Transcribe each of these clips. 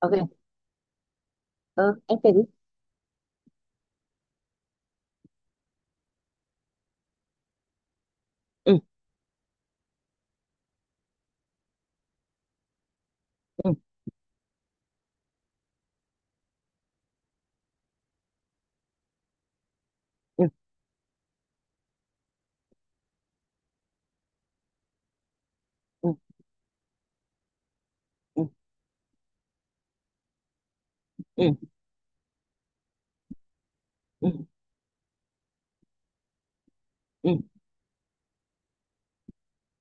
OK. Ừ, em kể đi. Ừ, ừ, ừ, ừ, ừ, ừ, ừ, ừ,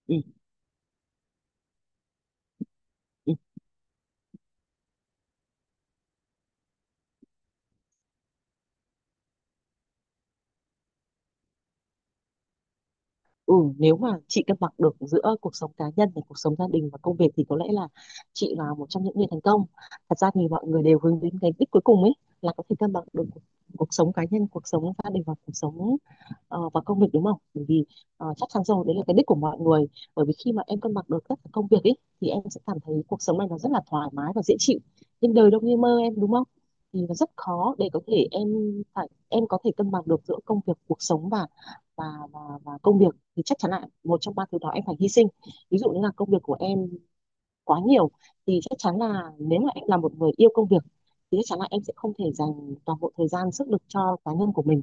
ừ, ừ. Ừ, nếu mà chị cân bằng được giữa cuộc sống cá nhân và cuộc sống gia đình và công việc thì có lẽ là chị là một trong những người thành công. Thật ra thì mọi người đều hướng đến cái đích cuối cùng ấy là có thể cân bằng được cuộc sống cá nhân, cuộc sống gia đình và cuộc sống và công việc, đúng không? Bởi vì chắc chắn rồi, đấy là cái đích của mọi người. Bởi vì khi mà em cân bằng được tất cả công việc ấy thì em sẽ cảm thấy cuộc sống này nó rất là thoải mái và dễ chịu. Nhưng đời đâu như mơ em, đúng không? Thì nó rất khó để có thể em phải em có thể cân bằng được giữa công việc, cuộc sống và và công việc, thì chắc chắn là một trong ba thứ đó em phải hy sinh. Ví dụ như là công việc của em quá nhiều thì chắc chắn là nếu mà em là một người yêu công việc thì chắc chắn là em sẽ không thể dành toàn bộ thời gian sức lực cho cá nhân của mình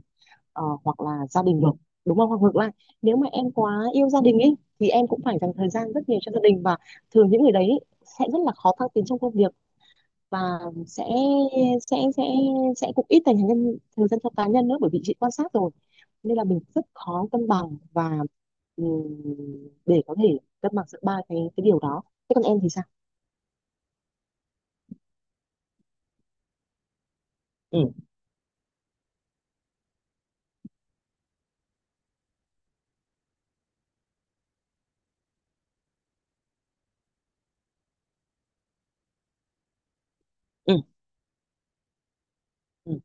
hoặc là gia đình được, đúng không? Hoặc ngược lại, nếu mà em quá yêu gia đình ấy thì em cũng phải dành thời gian rất nhiều cho gia đình, và thường những người đấy ý sẽ rất là khó thăng tiến trong công việc, và sẽ sẽ sẽ sẽ cũng ít dành thời gian cho cá nhân nữa, bởi vì chị quan sát rồi. Nên là mình rất khó cân bằng và, ừ, để có thể cân bằng giữa ba cái điều đó. Thế còn em thì sao? Ừ, ừ, ừ,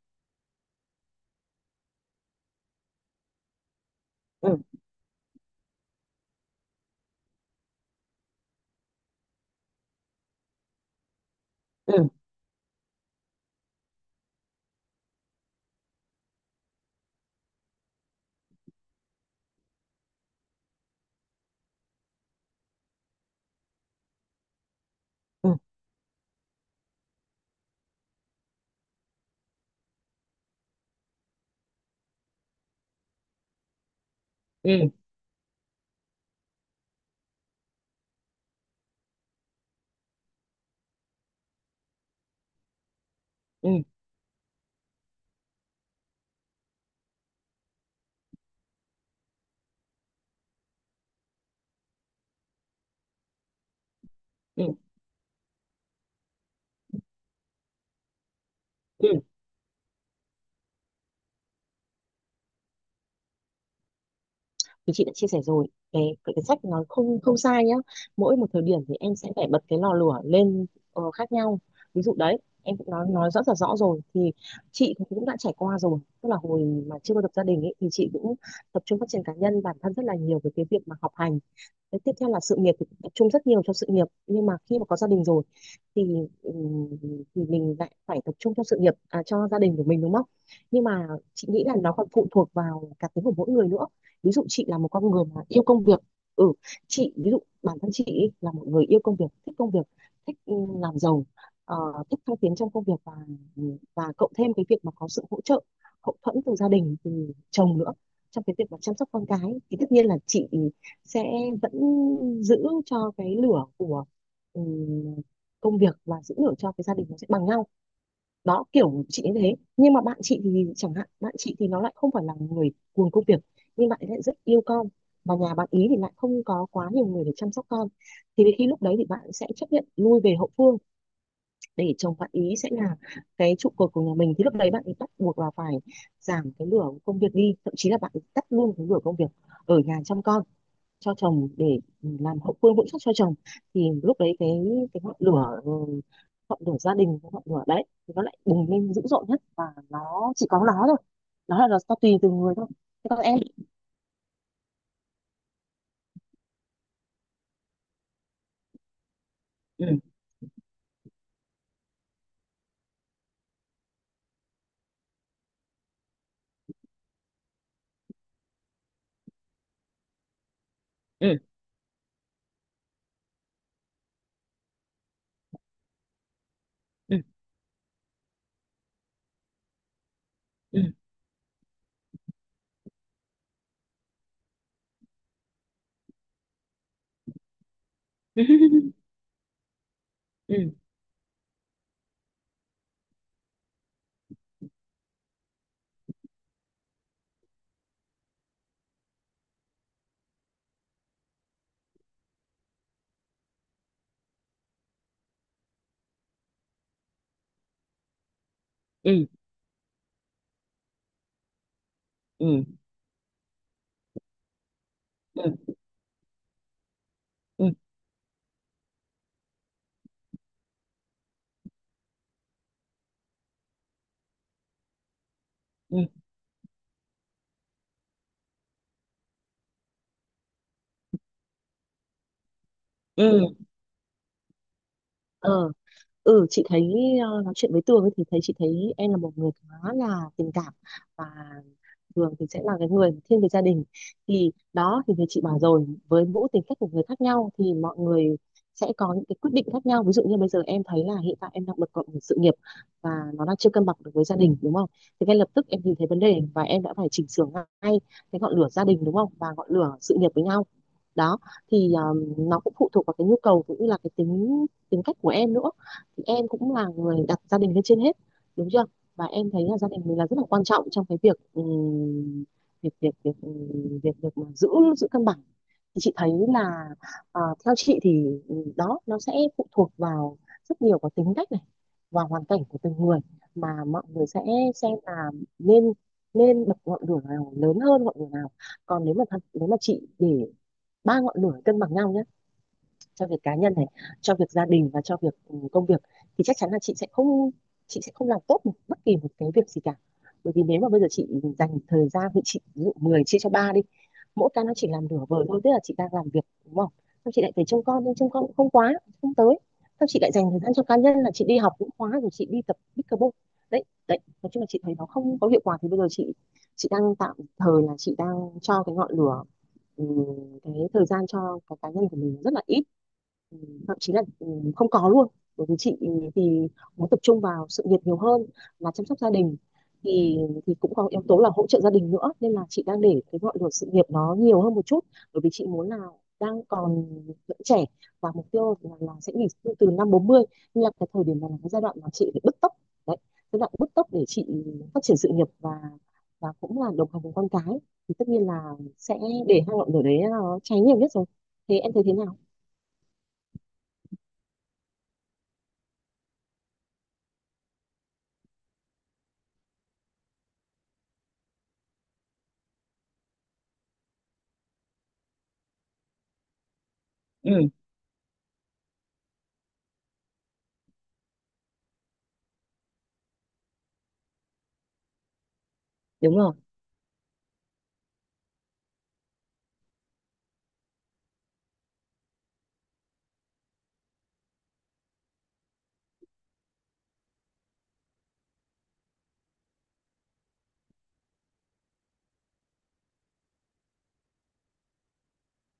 ừ, ừ, ừ, ừ, ừ, ừ, ừ. Thì chị đã chia sẻ rồi, cái sách nó không không sai nhá. Mỗi một thời điểm thì em sẽ phải bật cái lò lửa lên khác nhau. Ví dụ đấy, em cũng nói rất là rõ rồi. Thì chị thì cũng đã trải qua rồi, tức là hồi mà chưa có lập gia đình ấy, thì chị cũng tập trung phát triển cá nhân bản thân rất là nhiều về cái việc mà học hành. Đấy, tiếp theo là sự nghiệp thì tập trung rất nhiều cho sự nghiệp, nhưng mà khi mà có gia đình rồi thì ừm, thì mình lại phải tập trung cho sự nghiệp, à, cho gia đình của mình, đúng không? Nhưng mà chị nghĩ là nó còn phụ thuộc vào cá tính của mỗi người nữa. Ví dụ chị là một con người mà yêu công việc. Ừ, chị ví dụ bản thân chị ý là một người yêu công việc, thích làm giàu, ờ, thích thăng tiến trong công việc, và cộng thêm cái việc mà có sự hỗ trợ hậu thuẫn từ gia đình, từ chồng nữa, trong cái việc mà chăm sóc con cái, thì tất nhiên là chị sẽ vẫn giữ cho cái lửa của ừm, công việc và giữ lửa cho cái gia đình nó sẽ bằng nhau. Đó, kiểu chị như thế. Nhưng mà bạn chị thì, chẳng hạn, bạn chị thì nó lại không phải là người cuồng công việc, nhưng bạn ấy lại rất yêu con, và nhà bạn ý thì lại không có quá nhiều người để chăm sóc con, thì đến khi lúc đấy thì bạn sẽ chấp nhận lui về hậu phương, để chồng bạn ý sẽ là cái trụ cột của nhà mình. Thì lúc đấy bạn ấy bắt buộc là phải giảm cái lửa công việc đi, thậm chí là bạn ấy tắt luôn cái lửa công việc, ở nhà chăm con cho chồng để làm hậu phương vững chắc cho chồng. Thì lúc đấy cái ngọn lửa, ngọn lửa gia đình, cái ngọn lửa đấy thì nó lại bùng lên dữ dội nhất, và nó chỉ có nó thôi. Nó là nó tùy từ người thôi. Thế còn em? Ừ, ừ, ừ, ừ, ừ, ừ, ừ, ừ, ừ, ừ, ừ, ừ. Ờ, chị thấy nói chuyện với Tường ấy, thì thấy chị thấy em là một người khá là tình cảm, và thường thì sẽ là cái người thiên về gia đình. Thì đó, thì như chị bảo rồi, với mỗi tính cách của người khác nhau thì mọi người sẽ có những cái quyết định khác nhau. Ví dụ như bây giờ em thấy là hiện tại em đang bật cộng sự nghiệp và nó đang chưa cân bằng được với gia đình, đúng không? Thì ngay lập tức em nhìn thấy vấn đề và em đã phải chỉnh sửa ngay cái ngọn lửa gia đình, đúng không, và ngọn lửa sự nghiệp với nhau. Đó, thì nó cũng phụ thuộc vào cái nhu cầu cũng như là cái tính tính cách của em nữa. Thì em cũng là người đặt gia đình lên trên hết, đúng chưa? Và em thấy là gia đình mình là rất là quan trọng trong cái việc, việc việc việc việc việc mà giữ giữ cân bằng. Thì chị thấy là, à, theo chị thì, đó, nó sẽ phụ thuộc vào rất nhiều vào tính cách này và hoàn cảnh của từng người mà mọi người sẽ xem là nên nên bật ngọn lửa nào lớn hơn ngọn lửa nào. Còn nếu mà nếu mà chị để ba ngọn lửa cân bằng nhau nhá, cho việc cá nhân này, cho việc gia đình, và cho việc công việc, thì chắc chắn là chị sẽ không làm tốt bất kỳ một cái việc gì cả. Bởi vì nếu mà bây giờ chị dành thời gian, thì chị ví dụ 10 chia cho ba đi, mỗi cái nó chỉ làm nửa vời thôi. Tức là chị đang làm việc, đúng không, xong chị lại phải trông con nhưng trông con cũng không quá, không tới. Xong chị lại dành thời gian cho cá nhân là chị đi học cũng khóa rồi, chị đi tập pickleball. Đấy đấy, nói chung là chị thấy nó không có hiệu quả. Thì bây giờ chị đang tạm thời là chị đang cho cái ngọn lửa, ừ, cái thời gian cho cái cá nhân của mình rất là ít. Ừ, Thậm chí là không có luôn, bởi vì chị thì muốn tập trung vào sự nghiệp nhiều hơn là chăm sóc gia đình. thì thì cũng có yếu tố là hỗ trợ gia đình nữa, nên là chị đang để cái ngọn lửa sự nghiệp nó nhiều hơn một chút, bởi vì chị muốn là đang còn vẫn trẻ, và mục tiêu là sẽ nghỉ hưu từ năm bốn mươi. Nên là cái thời điểm này là cái giai đoạn mà chị phải bứt tốc. Đấy, giai đoạn bứt tốc để chị phát triển sự nghiệp, và cũng là đồng hành cùng con cái. Thì tất nhiên là sẽ để hai ngọn lửa đấy nó cháy nhiều nhất rồi. Thế em thấy thế nào? Đúng rồi.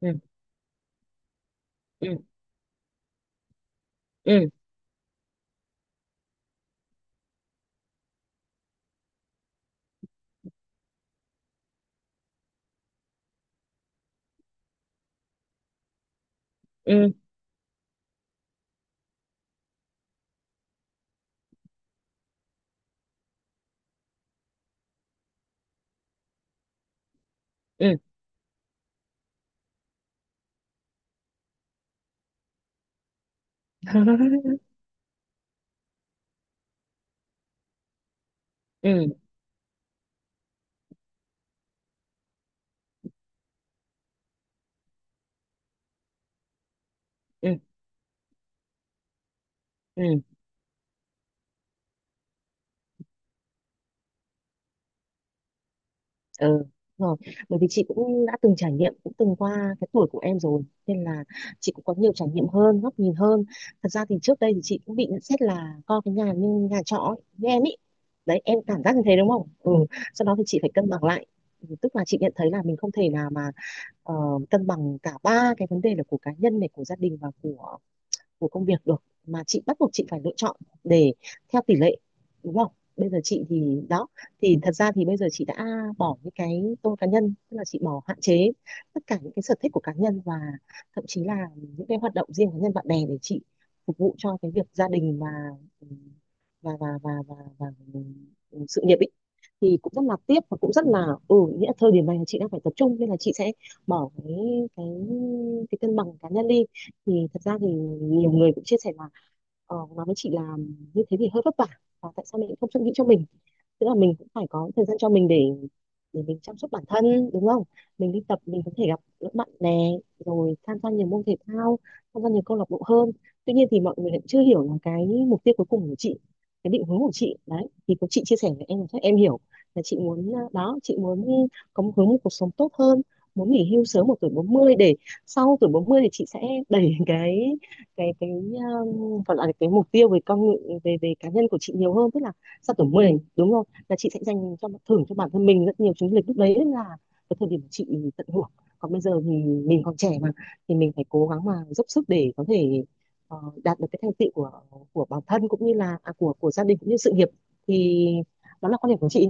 Ừ, ừ, ừ, ừ, ừ, ừ, ừ, ừ, ừ. Đúng rồi, bởi vì chị cũng đã từng trải nghiệm, cũng từng qua cái tuổi của em rồi, nên là chị cũng có nhiều trải nghiệm hơn, góc nhìn hơn. Thật ra thì trước đây thì chị cũng bị nhận xét là coi cái nhà như nhà trọ ấy, như em ý. Đấy, em cảm giác như thế đúng không? Ừ, sau đó thì chị phải cân bằng lại. Ừ, tức là chị nhận thấy là mình không thể nào mà ờ, cân bằng cả ba cái vấn đề là của cá nhân này, của gia đình, và của công việc được, mà chị bắt buộc chị phải lựa chọn để theo tỷ lệ, đúng không? Bây giờ chị thì đó, thì thật ra thì bây giờ chị đã bỏ những cái tôi cá nhân, tức là chị bỏ hạn chế tất cả những cái sở thích của cá nhân, và thậm chí là những cái hoạt động riêng cá nhân bạn bè, để chị phục vụ cho cái việc gia đình và và và và và, và, và sự nghiệp ý. Thì cũng rất là tiếc, và cũng rất là, ừ, nghĩa là thời điểm này là chị đang phải tập trung nên là chị sẽ bỏ cái cái cân bằng cá nhân đi. Thì thật ra thì nhiều người cũng chia sẻ là nó với chị là như thế thì hơi vất vả, và tại sao mình không suy nghĩ cho mình, tức là mình cũng phải có thời gian cho mình để mình chăm sóc bản thân, đúng không? Mình đi tập, mình có thể gặp các bạn bè, rồi tham gia nhiều môn thể thao, tham gia nhiều câu lạc bộ hơn. Tuy nhiên thì mọi người lại chưa hiểu là cái mục tiêu cuối cùng của chị, cái định hướng của chị đấy, thì có chị chia sẻ với em là chắc em hiểu, là chị muốn, à, đó, chị muốn có một hướng một cuộc sống tốt hơn, muốn nghỉ hưu sớm ở tuổi bốn mươi, để sau tuổi 40 thì chị sẽ đẩy cái gọi là cái mục tiêu về con người- về về cá nhân của chị nhiều hơn, tức là sau tuổi 10 đúng không, là chị sẽ dành cho, thưởng cho bản thân mình rất nhiều chuyến du lịch. Lúc đấy là cái thời điểm mà chị tận hưởng. Còn bây giờ thì mình còn trẻ mà, thì mình phải cố gắng mà dốc sức để có thể ờ, đạt được cái thành tựu của bản thân, cũng như là của gia đình, cũng như sự nghiệp. Thì đó là quan điểm của chị.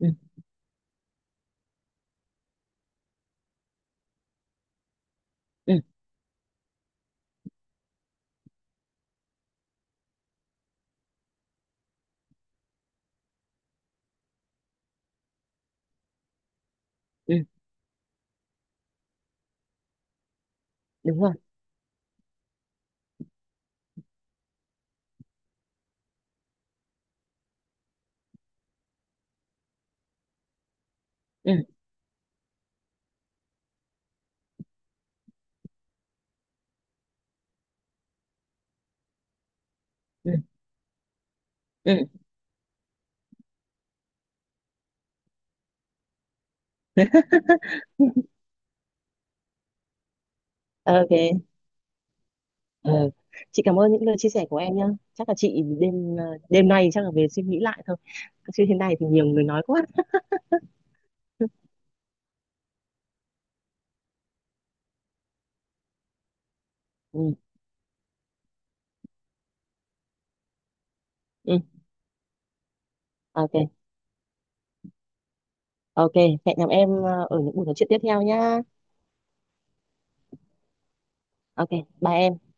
Ừ, ừ, ừ, đúng rồi, ừ, ừ, ừ, OK. Ờ, chị cảm ơn những lời chia sẻ của em nhá. Chắc là chị đêm nay chắc là về suy nghĩ lại thôi, chứ thế này thì nhiều người nói quá. Ừ, ừ, OK. OK, hẹn gặp em ở những buổi nói chuyện tiếp theo nhá. OK, bye em.